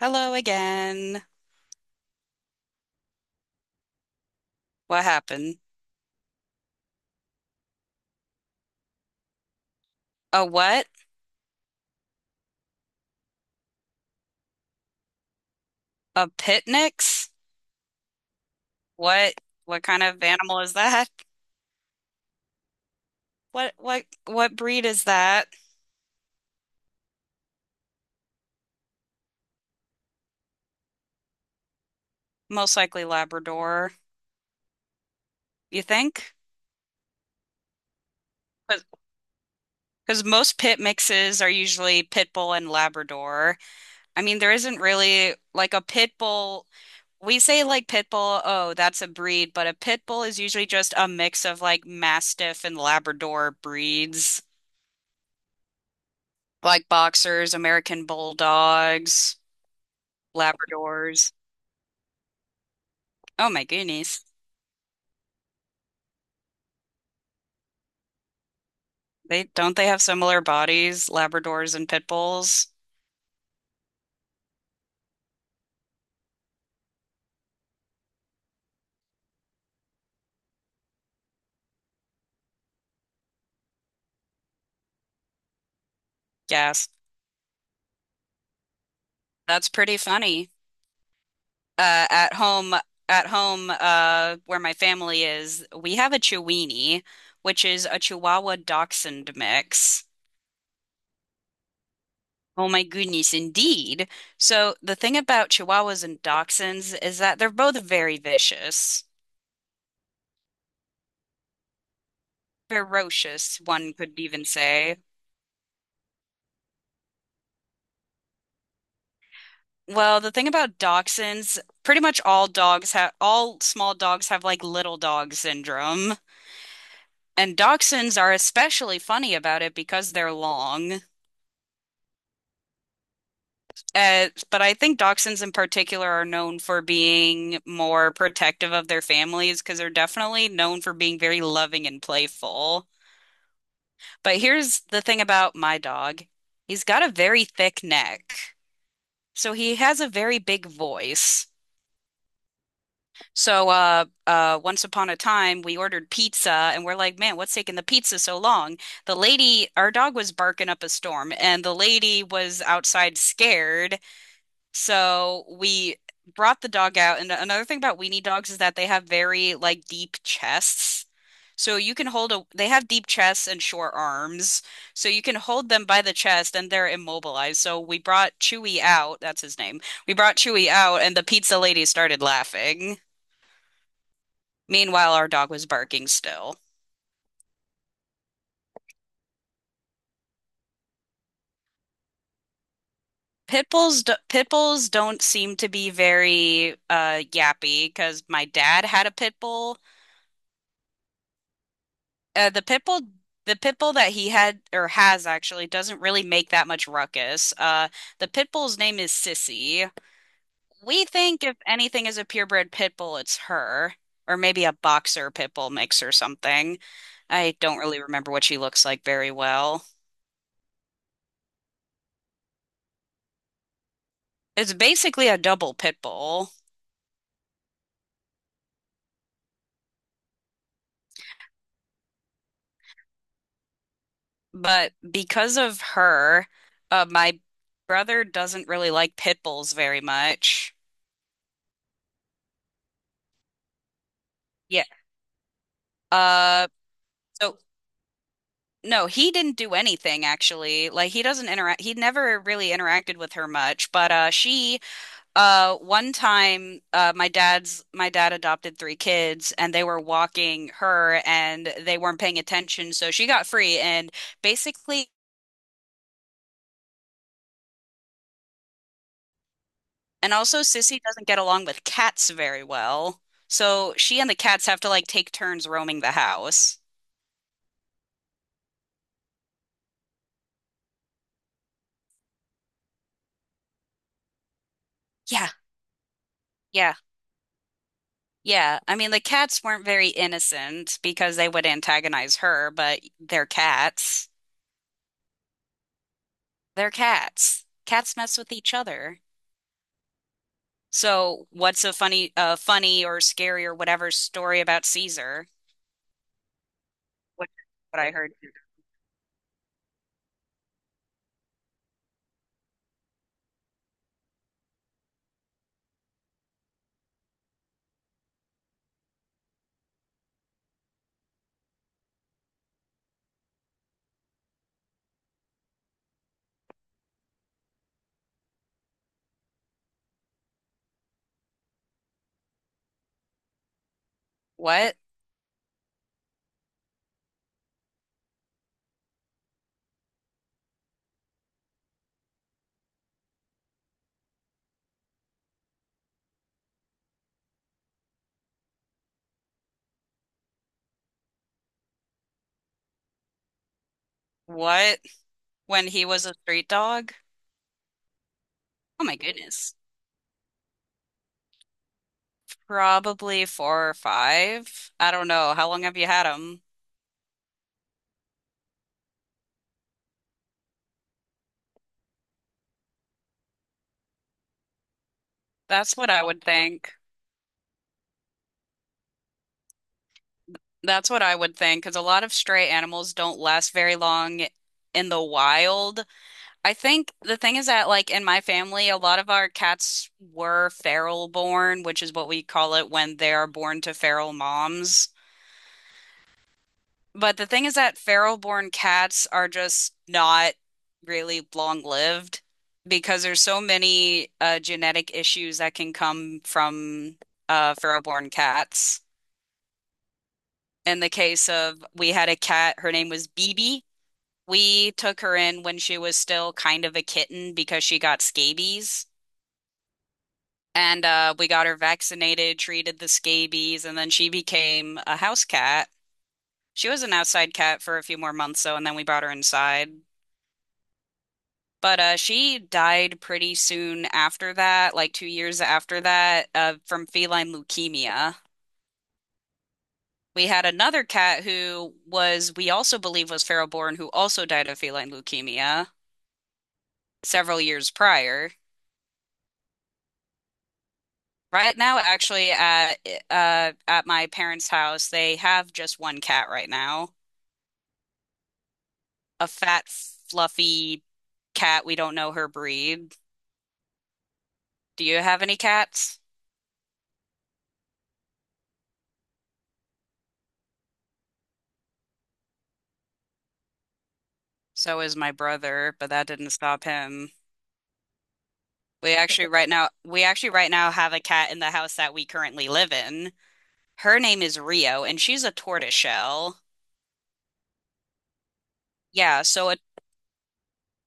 Hello again. What happened? A what? A pitnix? What what kind of animal is that? What breed is that? Most likely Labrador, you think? Because most pit mixes are usually pit bull and Labrador. I mean, there isn't really like a pit bull. We say like pit bull, oh, that's a breed, but a pit bull is usually just a mix of like Mastiff and Labrador breeds, like boxers, American bulldogs. Labradors. Oh my goodness. They don't they have similar bodies, Labradors and pit bulls? Yes. That's pretty funny. Uh, at home, at home, where my family is, we have a Chiweenie, which is a Chihuahua Dachshund mix. Oh my goodness, indeed. So the thing about Chihuahuas and Dachshunds is that they're both very vicious, ferocious, one could even say. Well, the thing about dachshunds, pretty much all small dogs have like little dog syndrome. And dachshunds are especially funny about it because they're long. But I think dachshunds in particular are known for being more protective of their families because they're definitely known for being very loving and playful. But here's the thing about my dog. He's got a very thick neck. So he has a very big voice. So once upon a time we ordered pizza and we're like, man, what's taking the pizza so long? The lady, our dog was barking up a storm and the lady was outside scared. So we brought the dog out. And another thing about weenie dogs is that they have very like deep chests. So you can hold a, they have deep chests and short arms. So you can hold them by the chest and they're immobilized. So we brought Chewy out, that's his name. We brought Chewy out and the pizza lady started laughing. Meanwhile, our dog was barking still. Pit bulls don't seem to be very yappy because my dad had a pit bull. Uh, the pit bull, the pit bull that he had or has actually doesn't really make that much ruckus. The pit bull's name is Sissy. We think if anything is a purebred pit bull, it's her, or maybe a boxer pit bull mix or something. I don't really remember what she looks like very well. It's basically a double pit bull. But because of her, my brother doesn't really like pit bulls very much. Yeah. Uh, so no, he didn't do anything actually. Like he doesn't interact. He never really interacted with her much. One time, my dad adopted three kids, and they were walking her, and they weren't paying attention, so she got free, and basically. And also, Sissy doesn't get along with cats very well. So she and the cats have to like take turns roaming the house. Yeah, yeah, yeah. I mean, the cats weren't very innocent because they would antagonize her, but they're cats. They're cats. Cats mess with each other. So what's a funny, funny or scary or whatever story about Caesar? Which is what I heard. What? What? When he was a street dog? Oh my goodness. Probably four or five. I don't know. How long have you had them? That's what I would think. That's what I would think, because a lot of stray animals don't last very long in the wild. I think the thing is that, like, in my family, a lot of our cats were feral born, which is what we call it when they are born to feral moms. But the thing is that feral-born cats are just not really long-lived because there's so many genetic issues that can come from feral-born cats. In the case of, we had a cat, her name was Bibi. We took her in when she was still kind of a kitten because she got scabies. And we got her vaccinated, treated the scabies, and then she became a house cat. She was an outside cat for a few more months, though, and then we brought her inside. But she died pretty soon after that, like 2 years after that, from feline leukemia. We had another cat who was, we also believe was feral born, who also died of feline leukemia several years prior. Right now, actually, at my parents' house, they have just one cat right now, a fat, fluffy cat. We don't know her breed. Do you have any cats? So is my brother, but that didn't stop him. We actually right now have a cat in the house that we currently live in. Her name is Rio, and she's a tortoiseshell. Yeah, so a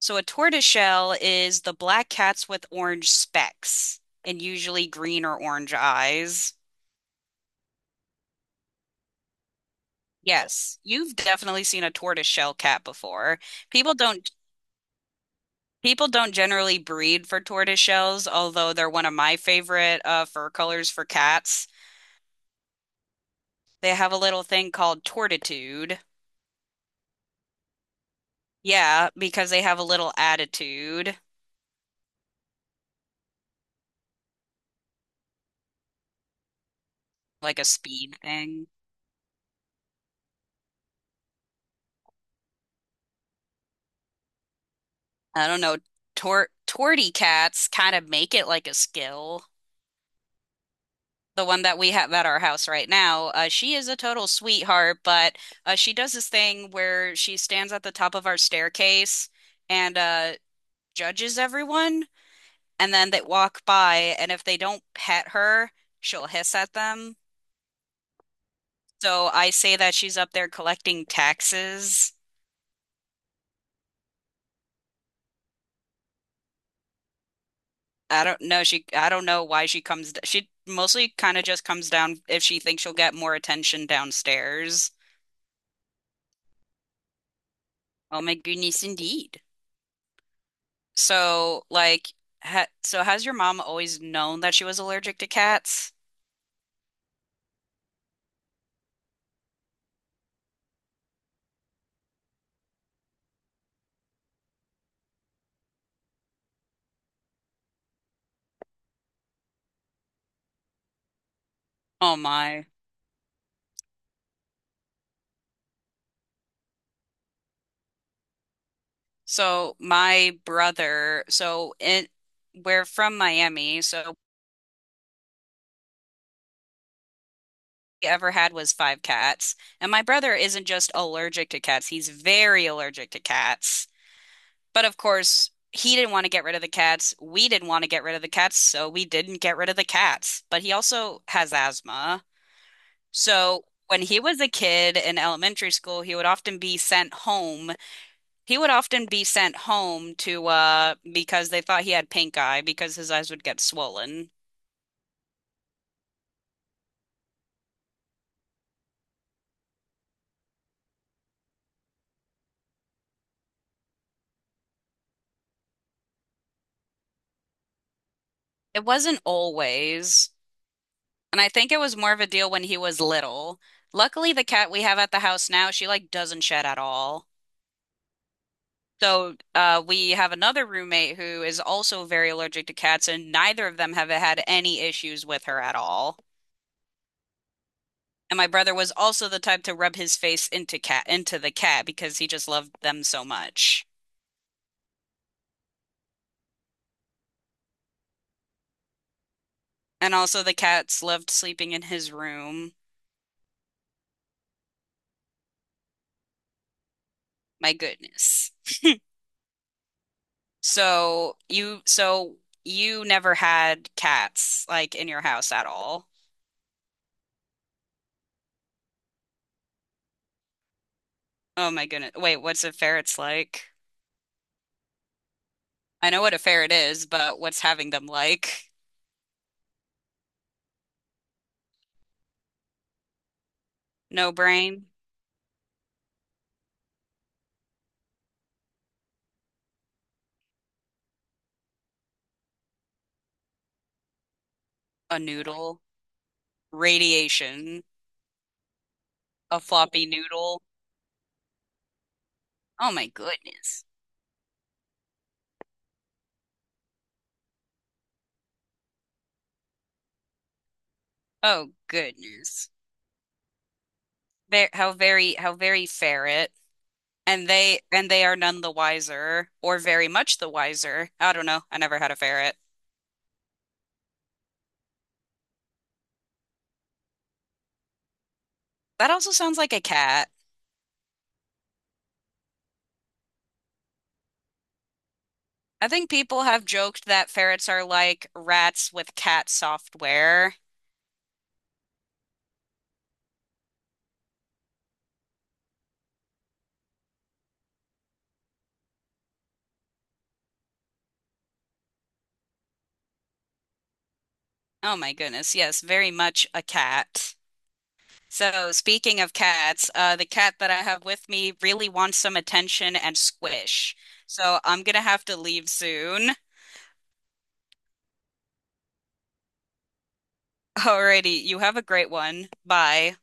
tortoiseshell is the black cats with orange specks and usually green or orange eyes. Yes, you've definitely seen a tortoiseshell cat before. People don't people don't generally breed for tortoiseshells, although they're one of my favorite fur colors for cats. They have a little thing called tortitude. Yeah, because they have a little attitude, like a speed thing. I don't know. Torty cats kind of make it like a skill. The one that we have at our house right now, she is a total sweetheart, but she does this thing where she stands at the top of our staircase and judges everyone, and then they walk by, and if they don't pet her, she'll hiss at them. So I say that she's up there collecting taxes. I don't know. I don't know why she comes. She mostly kind of just comes down if she thinks she'll get more attention downstairs. Oh my goodness, indeed. So, like, ha so has your mom always known that she was allergic to cats? Oh my. So my brother, so in we're from Miami, so what we ever had was five cats. And my brother isn't just allergic to cats, he's very allergic to cats. But of course, he didn't want to get rid of the cats. We didn't want to get rid of the cats, so we didn't get rid of the cats. But he also has asthma. So when he was a kid in elementary school, he would often be sent home. He would often be sent home to because they thought he had pink eye because his eyes would get swollen. It wasn't always, and I think it was more of a deal when he was little. Luckily, the cat we have at the house now, she like doesn't shed at all. So, we have another roommate who is also very allergic to cats, and neither of them have had any issues with her at all. And my brother was also the type to rub his face into cat into the cat because he just loved them so much. And also the cats loved sleeping in his room. My goodness. So you never had cats like in your house at all. Oh my goodness. Wait, what's a ferret's like? I know what a ferret is, but what's having them like? No brain? A noodle, radiation, a floppy noodle. Oh my goodness. Oh goodness. There, how very ferret. And they are none the wiser, or very much the wiser. I don't know. I never had a ferret. That also sounds like a cat. I think people have joked that ferrets are like rats with cat software. Oh my goodness. Yes, very much a cat. So, speaking of cats, the cat that I have with me really wants some attention and squish. So, I'm gonna have to leave soon. Alrighty, you have a great one. Bye.